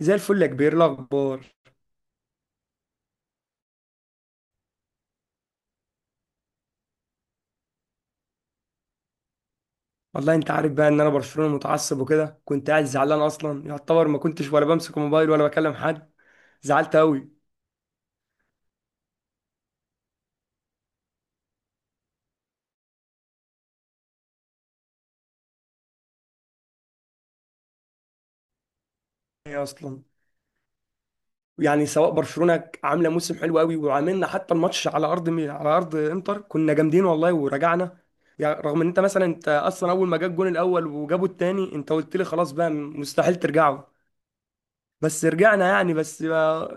زي الفل يا كبير، إيه الاخبار؟ والله انت عارف بقى ان انا برشلونه متعصب وكده، كنت قاعد زعلان اصلا، يعتبر ما كنتش ولا بمسك الموبايل ولا بكلم حد. زعلت قوي. ايه اصلا يعني، سواء برشلونه عامله موسم حلو قوي وعاملنا، حتى الماتش على ارض على ارض انتر كنا جامدين والله ورجعنا. يعني رغم ان انت مثلا، انت اصلا اول ما جاب الجون الاول وجابوا التاني انت قلت لي خلاص بقى مستحيل ترجعوا. بس رجعنا يعني، بس ما,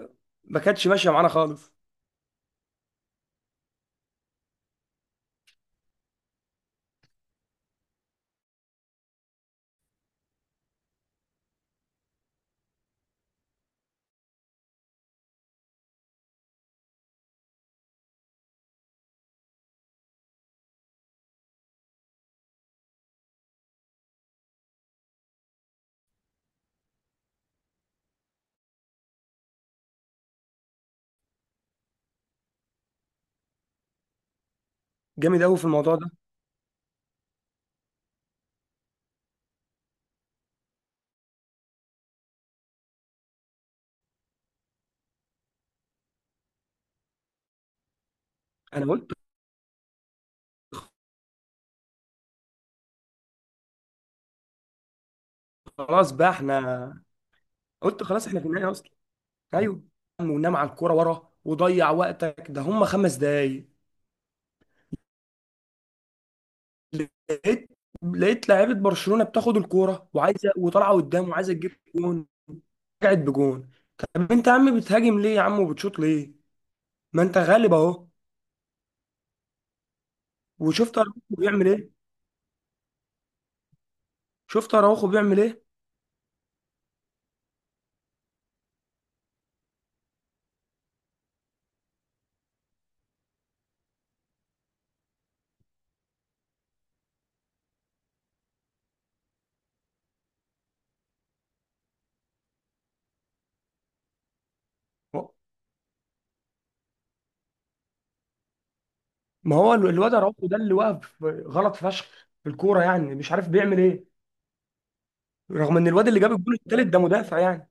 ما كانتش ماشيه معانا خالص. جامد قوي في الموضوع ده. انا قلت خلاص بقى احنا، قلت خلاص احنا في النهايه اصلا. ايوه، ونام على الكوره ورا وضيع وقتك، ده هم خمس دقايق. لقيت لقيت لعيبه برشلونه بتاخد الكوره وعايزه وطالعه قدام وعايزه تجيب جون. رجعت بجون. طب انت يا عم بتهاجم ليه يا عم وبتشوط ليه؟ ما انت غالب اهو. وشفت اراوخو بيعمل ايه؟ شفت اراوخو بيعمل ايه ما هو الواد اراوخو ده اللي واقف غلط فشخ في الكوره، يعني مش عارف بيعمل ايه. رغم ان الواد اللي جاب الجون التالت ده مدافع يعني.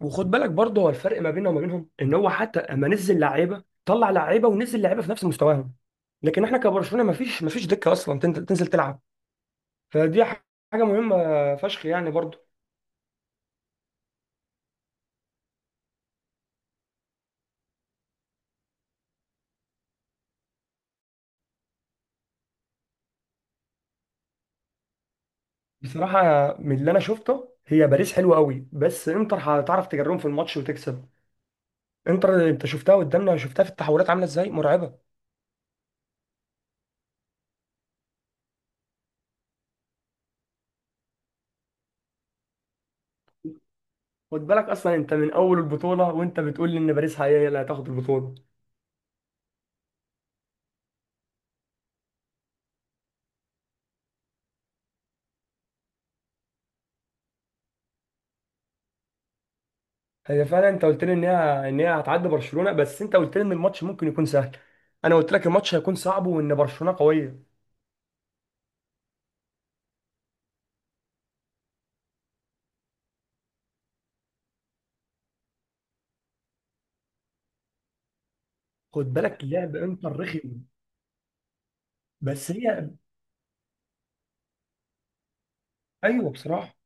وخد بالك برضه، هو الفرق ما بيننا وما بينهم ان هو حتى اما نزل لعيبه، طلع لعيبه ونزل لعيبه في نفس مستواهم. لكن احنا كبرشلونه، ما فيش دكه اصلا تنزل تلعب. فدي ح- حاجه مهمه فشخ يعني برضه. بصراحه، من اللي انا شفته، هي باريس حلوه قوي بس انتر هتعرف تجرهم في الماتش وتكسب. انتر انت شفتها قدامنا، شفتها في التحولات عامله ازاي، مرعبه. خد بالك اصلا، انت من اول البطوله وانت بتقول لي ان باريس هي اللي هتاخد البطوله. هي فعلا انت قلت لي ان هي هتعدي برشلونه، بس انت قلت لي ان الماتش ممكن يكون سهل. انا قلت لك الماتش هيكون صعب وان برشلونه قويه. خد بالك، لعب انتر رخم. بس هي، ايوه بصراحه،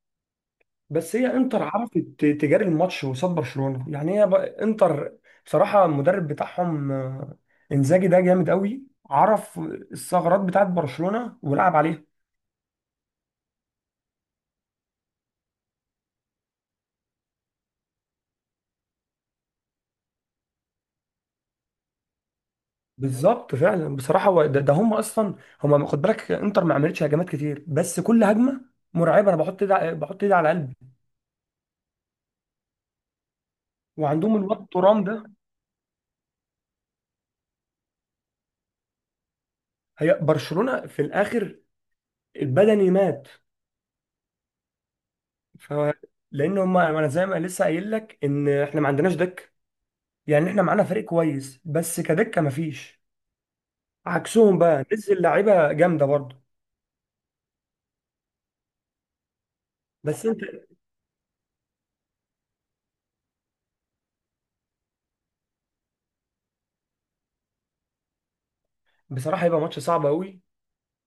بس هي انتر عرفت تجاري الماتش قصاد برشلونه يعني. هي انتر بصراحه المدرب بتاعهم انزاجي ده جامد قوي. عرف الثغرات بتاعت برشلونه ولعب عليها. بالظبط فعلا بصراحه، هو ده، هم اصلا. هم خد بالك، انتر ما عملتش هجمات كتير بس كل هجمه مرعبه. انا بحط بحط ايدي على قلبي. وعندهم الواد ترام ده. هي برشلونه في الاخر البدني مات. ف لان هم، انا زي ما لسه قايل لك ان احنا ما عندناش دك. يعني احنا معانا فريق كويس بس كدكه ما فيش. عكسهم بقى نزل لعيبه جامده برضه. بس انت بصراحه، هيبقى ماتش صعب قوي.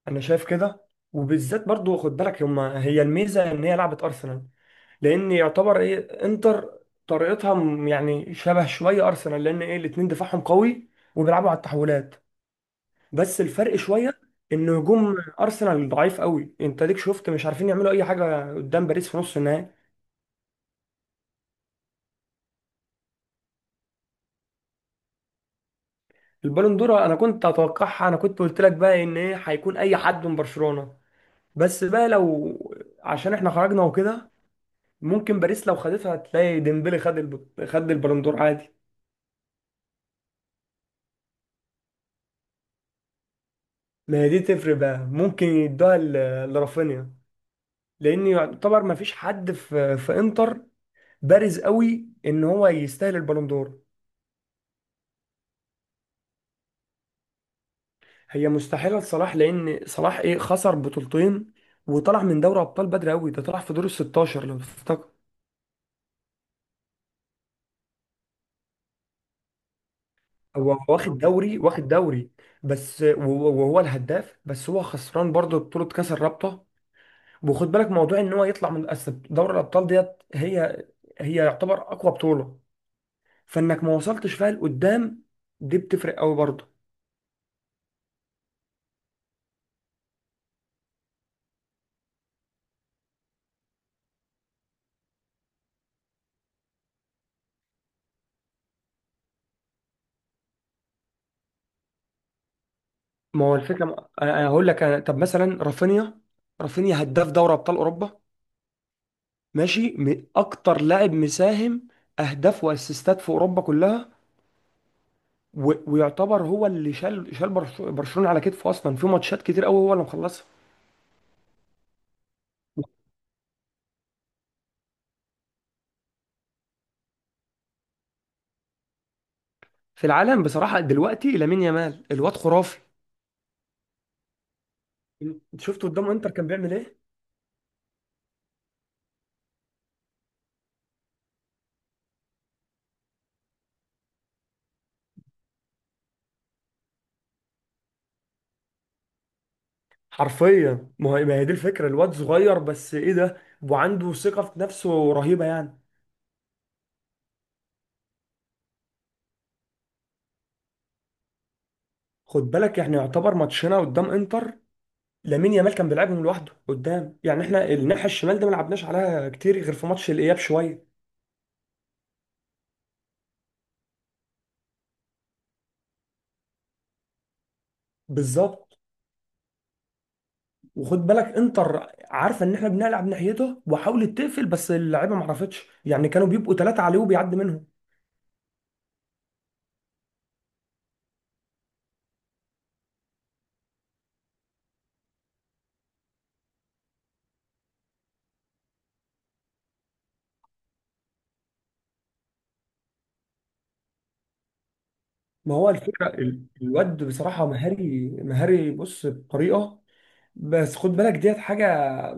انا شايف كده. وبالذات برضو خد بالك، هما هي الميزه ان هي لعبه ارسنال. لان يعتبر ايه انتر طريقتها يعني شبه شويه ارسنال. لان ايه الاتنين دفاعهم قوي وبيلعبوا على التحولات. بس الفرق شويه ان هجوم ارسنال ضعيف قوي. انت ليك شفت مش عارفين يعملوا اي حاجه قدام باريس في نص النهائي. البالون دور انا كنت اتوقعها، انا كنت قلت لك بقى ان ايه هيكون اي حد من برشلونه. بس بقى لو، عشان احنا خرجنا وكده، ممكن باريس لو خدتها هتلاقي ديمبلي خد خد البالندور عادي. ما هي دي تفرق بقى، ممكن يدوها لرافينيا. لان يعتبر ما فيش حد في انتر بارز قوي ان هو يستاهل البالندور. هي مستحيله لصلاح، لان صلاح ايه خسر بطولتين وطلع من دوري ابطال بدري قوي، ده طلع في دور ال 16 لو تفتكر. هو واخد دوري بس، وهو الهداف، بس هو خسران برضه بطوله كاس الرابطه. وخد بالك موضوع ان هو يطلع من أصل دوري الابطال ديت. هي، هي يعتبر اقوى بطوله، فانك ما وصلتش فيها لقدام، دي بتفرق قوي برضه. ما هو الفكره انا هقول لك. أنا طب مثلا رافينيا، رافينيا هداف دوري ابطال اوروبا ماشي، اكتر لاعب مساهم اهداف واسيستات في اوروبا كلها. و... ويعتبر هو اللي شال برشلونه على كتفه اصلا في ماتشات كتير قوي، هو اللي مخلصها. في العالم بصراحه دلوقتي لامين يامال، الواد خرافي. انت شفته قدام انتر كان بيعمل ايه؟ حرفيا، ما هي دي الفكره، الواد صغير بس ايه ده وعنده ثقه في نفسه رهيبه يعني. خد بالك، احنا يعتبر ماتشنا قدام انتر لامين يامال كان بيلعبهم لوحده قدام. يعني احنا الناحيه الشمال ده ما لعبناش عليها كتير غير في ماتش الاياب شويه. بالظبط. وخد بالك انتر عارفه ان احنا بنلعب ناحيته وحاولت تقفل بس اللعيبه ما عرفتش، يعني كانوا بيبقوا ثلاثه عليه وبيعدي منهم. ما هو الفكره الواد بصراحه مهاري، مهاري بص بطريقه. بس خد بالك ديت حاجه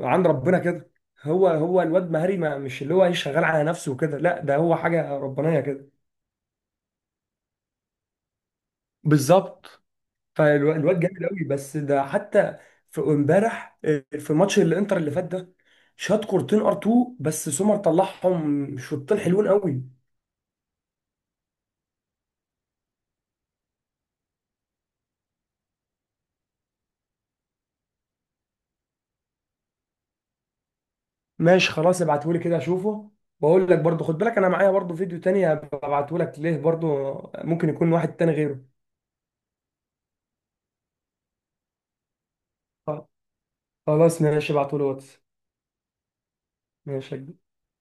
عند ربنا كده. هو الواد مهاري، ما مش اللي هو ايه شغال على نفسه وكده، لا ده هو حاجه ربانيه كده. بالظبط. فالواد جامد قوي، بس ده حتى في امبارح في ماتش الانتر اللي فات ده شاط كورتين ار 2، بس سومر طلعهم شوطين حلوين قوي. ماشي خلاص، ابعته لي كده اشوفه واقول لك. برضو خد بالك انا معايا برضو فيديو تاني، ابعته لك ليه برضو، ممكن يكون واحد تاني غيره. خلاص ماشي، ابعته لي واتس. ماشي يا كبير.